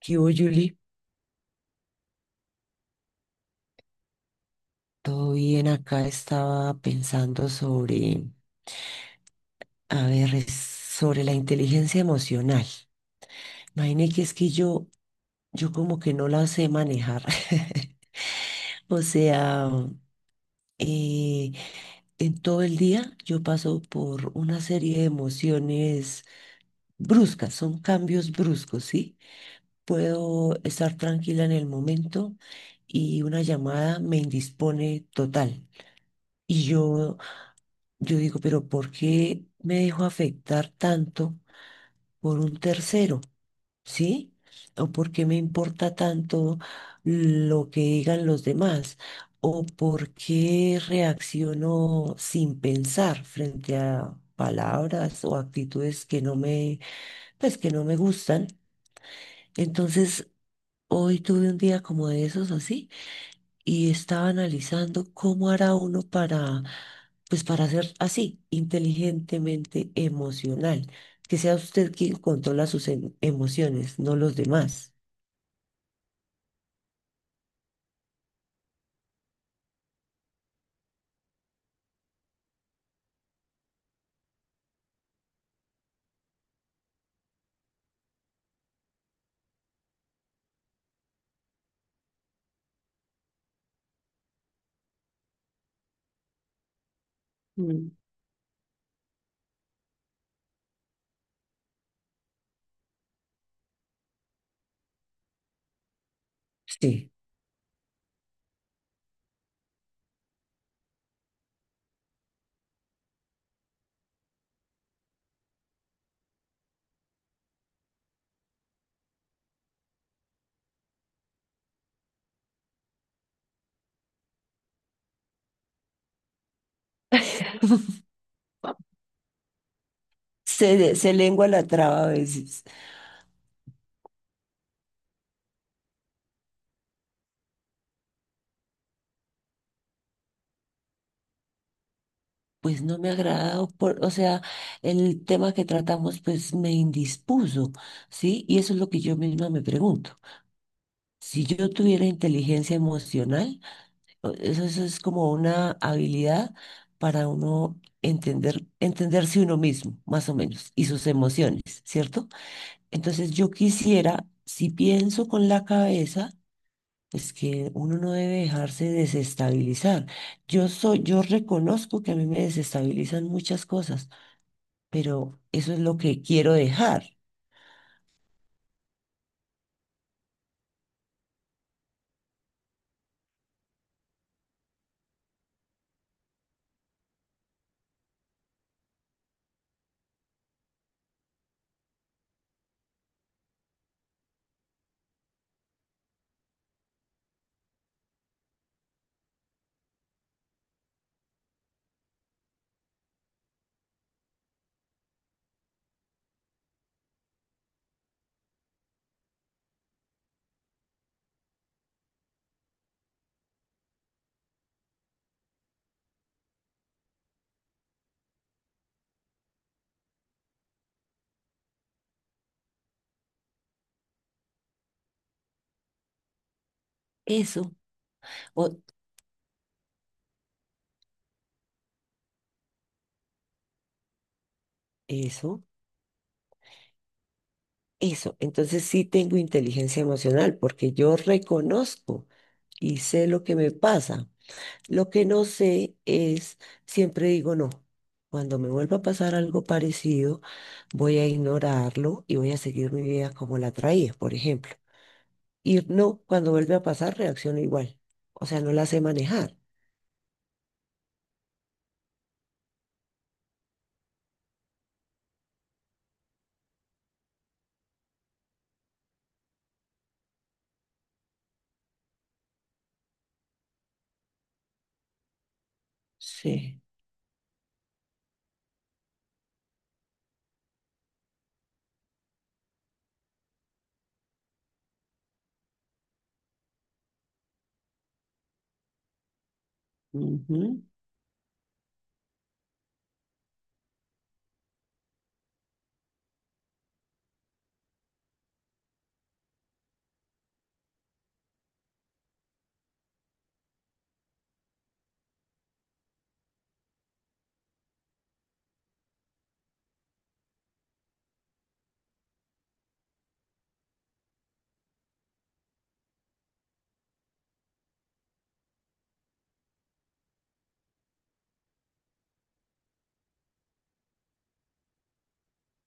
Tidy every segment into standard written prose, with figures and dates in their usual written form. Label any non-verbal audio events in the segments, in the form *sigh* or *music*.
¿Qué hubo, Julie? Todo bien, acá estaba pensando sobre, a ver, es sobre la inteligencia emocional. Imagine que es que yo como que no la sé manejar. *laughs* O sea, eh, en todo el día yo paso por una serie de emociones bruscas, son cambios bruscos, ¿sí? Puedo estar tranquila en el momento y una llamada me indispone total. Y yo Yo digo, pero ¿por qué me dejo afectar tanto por un tercero? ¿Sí? ¿O por qué me importa tanto lo que digan los demás? ¿O por qué reacciono sin pensar frente a palabras o actitudes que no me, pues que no me gustan? Entonces, hoy tuve un día como de esos así y estaba analizando cómo hará uno para, pues para ser así, inteligentemente emocional, que sea usted quien controla sus emociones, no los demás. Mm. Sí. *laughs* Se lengua la traba a veces. Pues no me agradado por, o sea, el tema que tratamos pues me indispuso, ¿sí? Y eso es lo que yo misma me pregunto. Si yo tuviera inteligencia emocional, eso es como una habilidad para uno entender, entenderse uno mismo, más o menos, y sus emociones, ¿cierto? Entonces yo quisiera, si pienso con la cabeza, es que uno no debe dejarse desestabilizar. Yo reconozco que a mí me desestabilizan muchas cosas, pero eso es lo que quiero dejar. Eso, o eso, eso. Entonces sí tengo inteligencia emocional porque yo reconozco y sé lo que me pasa. Lo que no sé es, siempre digo no. Cuando me vuelva a pasar algo parecido, voy a ignorarlo y voy a seguir mi vida como la traía, por ejemplo. Y no, cuando vuelve a pasar, reacciono igual. O sea, no la sé manejar. Sí. Ujú.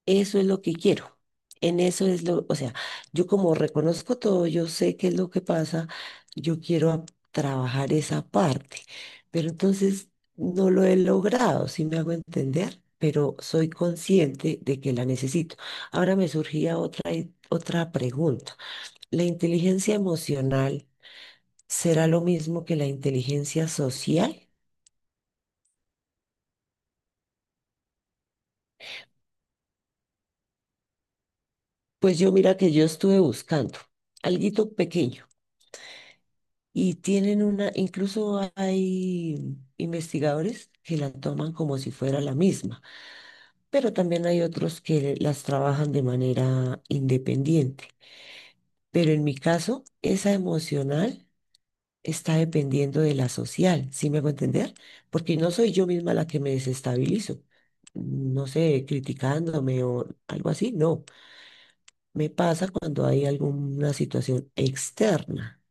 Eso es lo que quiero. En eso es lo, o sea, yo como reconozco todo, yo sé qué es lo que pasa, yo quiero trabajar esa parte, pero entonces no lo he logrado, si me hago entender, pero soy consciente de que la necesito. Ahora me surgía otra pregunta. ¿La inteligencia emocional será lo mismo que la inteligencia social? Pues yo mira que yo estuve buscando alguito pequeño. Y tienen una, incluso hay investigadores que la toman como si fuera la misma, pero también hay otros que las trabajan de manera independiente. Pero en mi caso, esa emocional está dependiendo de la social, ¿sí me hago entender? Porque no soy yo misma la que me desestabilizo, no sé, criticándome o algo así, no. Me pasa cuando hay alguna situación externa.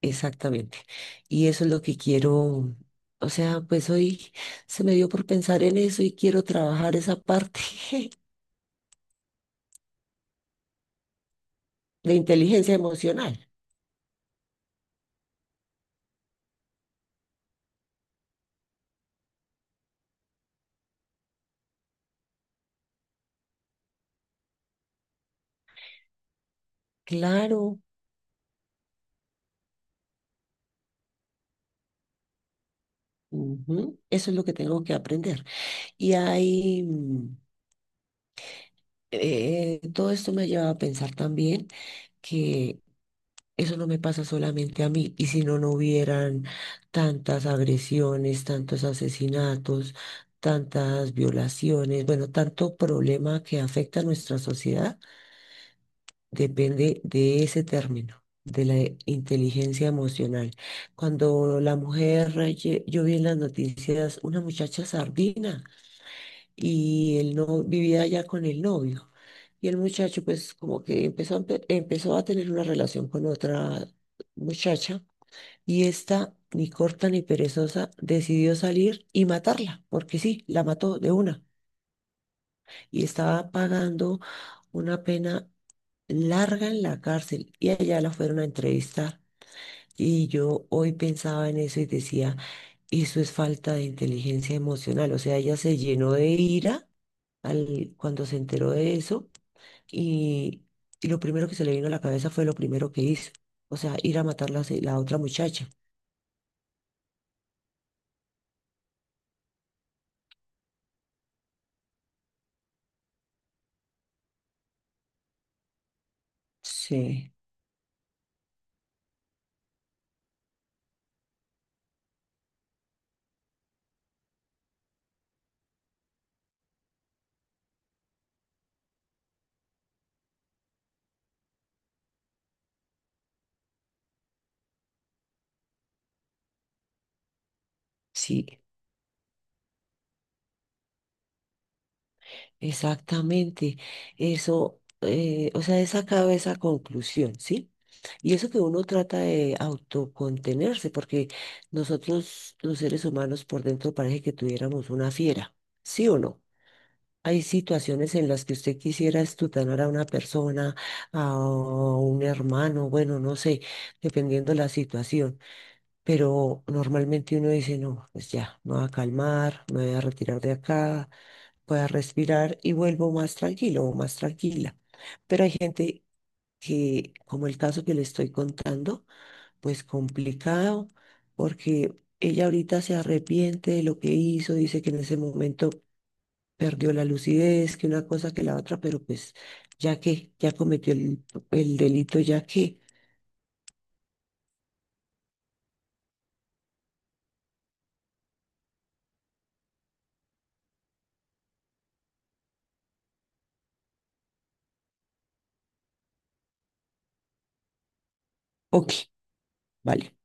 Exactamente. Y eso es lo que quiero, o sea, pues hoy se me dio por pensar en eso y quiero trabajar esa parte. *laughs* De inteligencia emocional. Claro, ujú, eso es lo que tengo que aprender. Y hay, todo esto me lleva a pensar también que eso no me pasa solamente a mí. Y si no, no hubieran tantas agresiones, tantos asesinatos, tantas violaciones, bueno, tanto problema que afecta a nuestra sociedad, depende de ese término, de la inteligencia emocional. Cuando la mujer, yo vi en las noticias una muchacha sardina y él no vivía allá con el novio. Y el muchacho, pues, como que empezó a tener una relación con otra muchacha y esta, ni corta ni perezosa, decidió salir y matarla, porque sí, la mató de una. Y estaba pagando una pena larga en la cárcel y allá la fueron a entrevistar. Y yo hoy pensaba en eso y decía, eso es falta de inteligencia emocional. O sea, ella se llenó de ira cuando se enteró de eso y, y lo primero que se le vino a la cabeza fue lo primero que hizo. O sea, ir a matar la otra muchacha. Sí, sí. Exactamente, eso, o sea, he sacado esa conclusión, ¿sí? Y eso que uno trata de autocontenerse, porque nosotros los seres humanos por dentro parece que tuviéramos una fiera, ¿sí o no? Hay situaciones en las que usted quisiera estutanar a una persona, a un hermano, bueno, no sé, dependiendo la situación, pero normalmente uno dice, no, pues ya, me voy a calmar, me voy a retirar de acá, voy a respirar y vuelvo más tranquilo o más tranquila. Pero hay gente que, como el caso que le estoy contando, pues complicado, porque ella ahorita se arrepiente de lo que hizo, dice que en ese momento perdió la lucidez, que una cosa que la otra, pero pues ya que ya cometió el delito, ya que, ok, vale.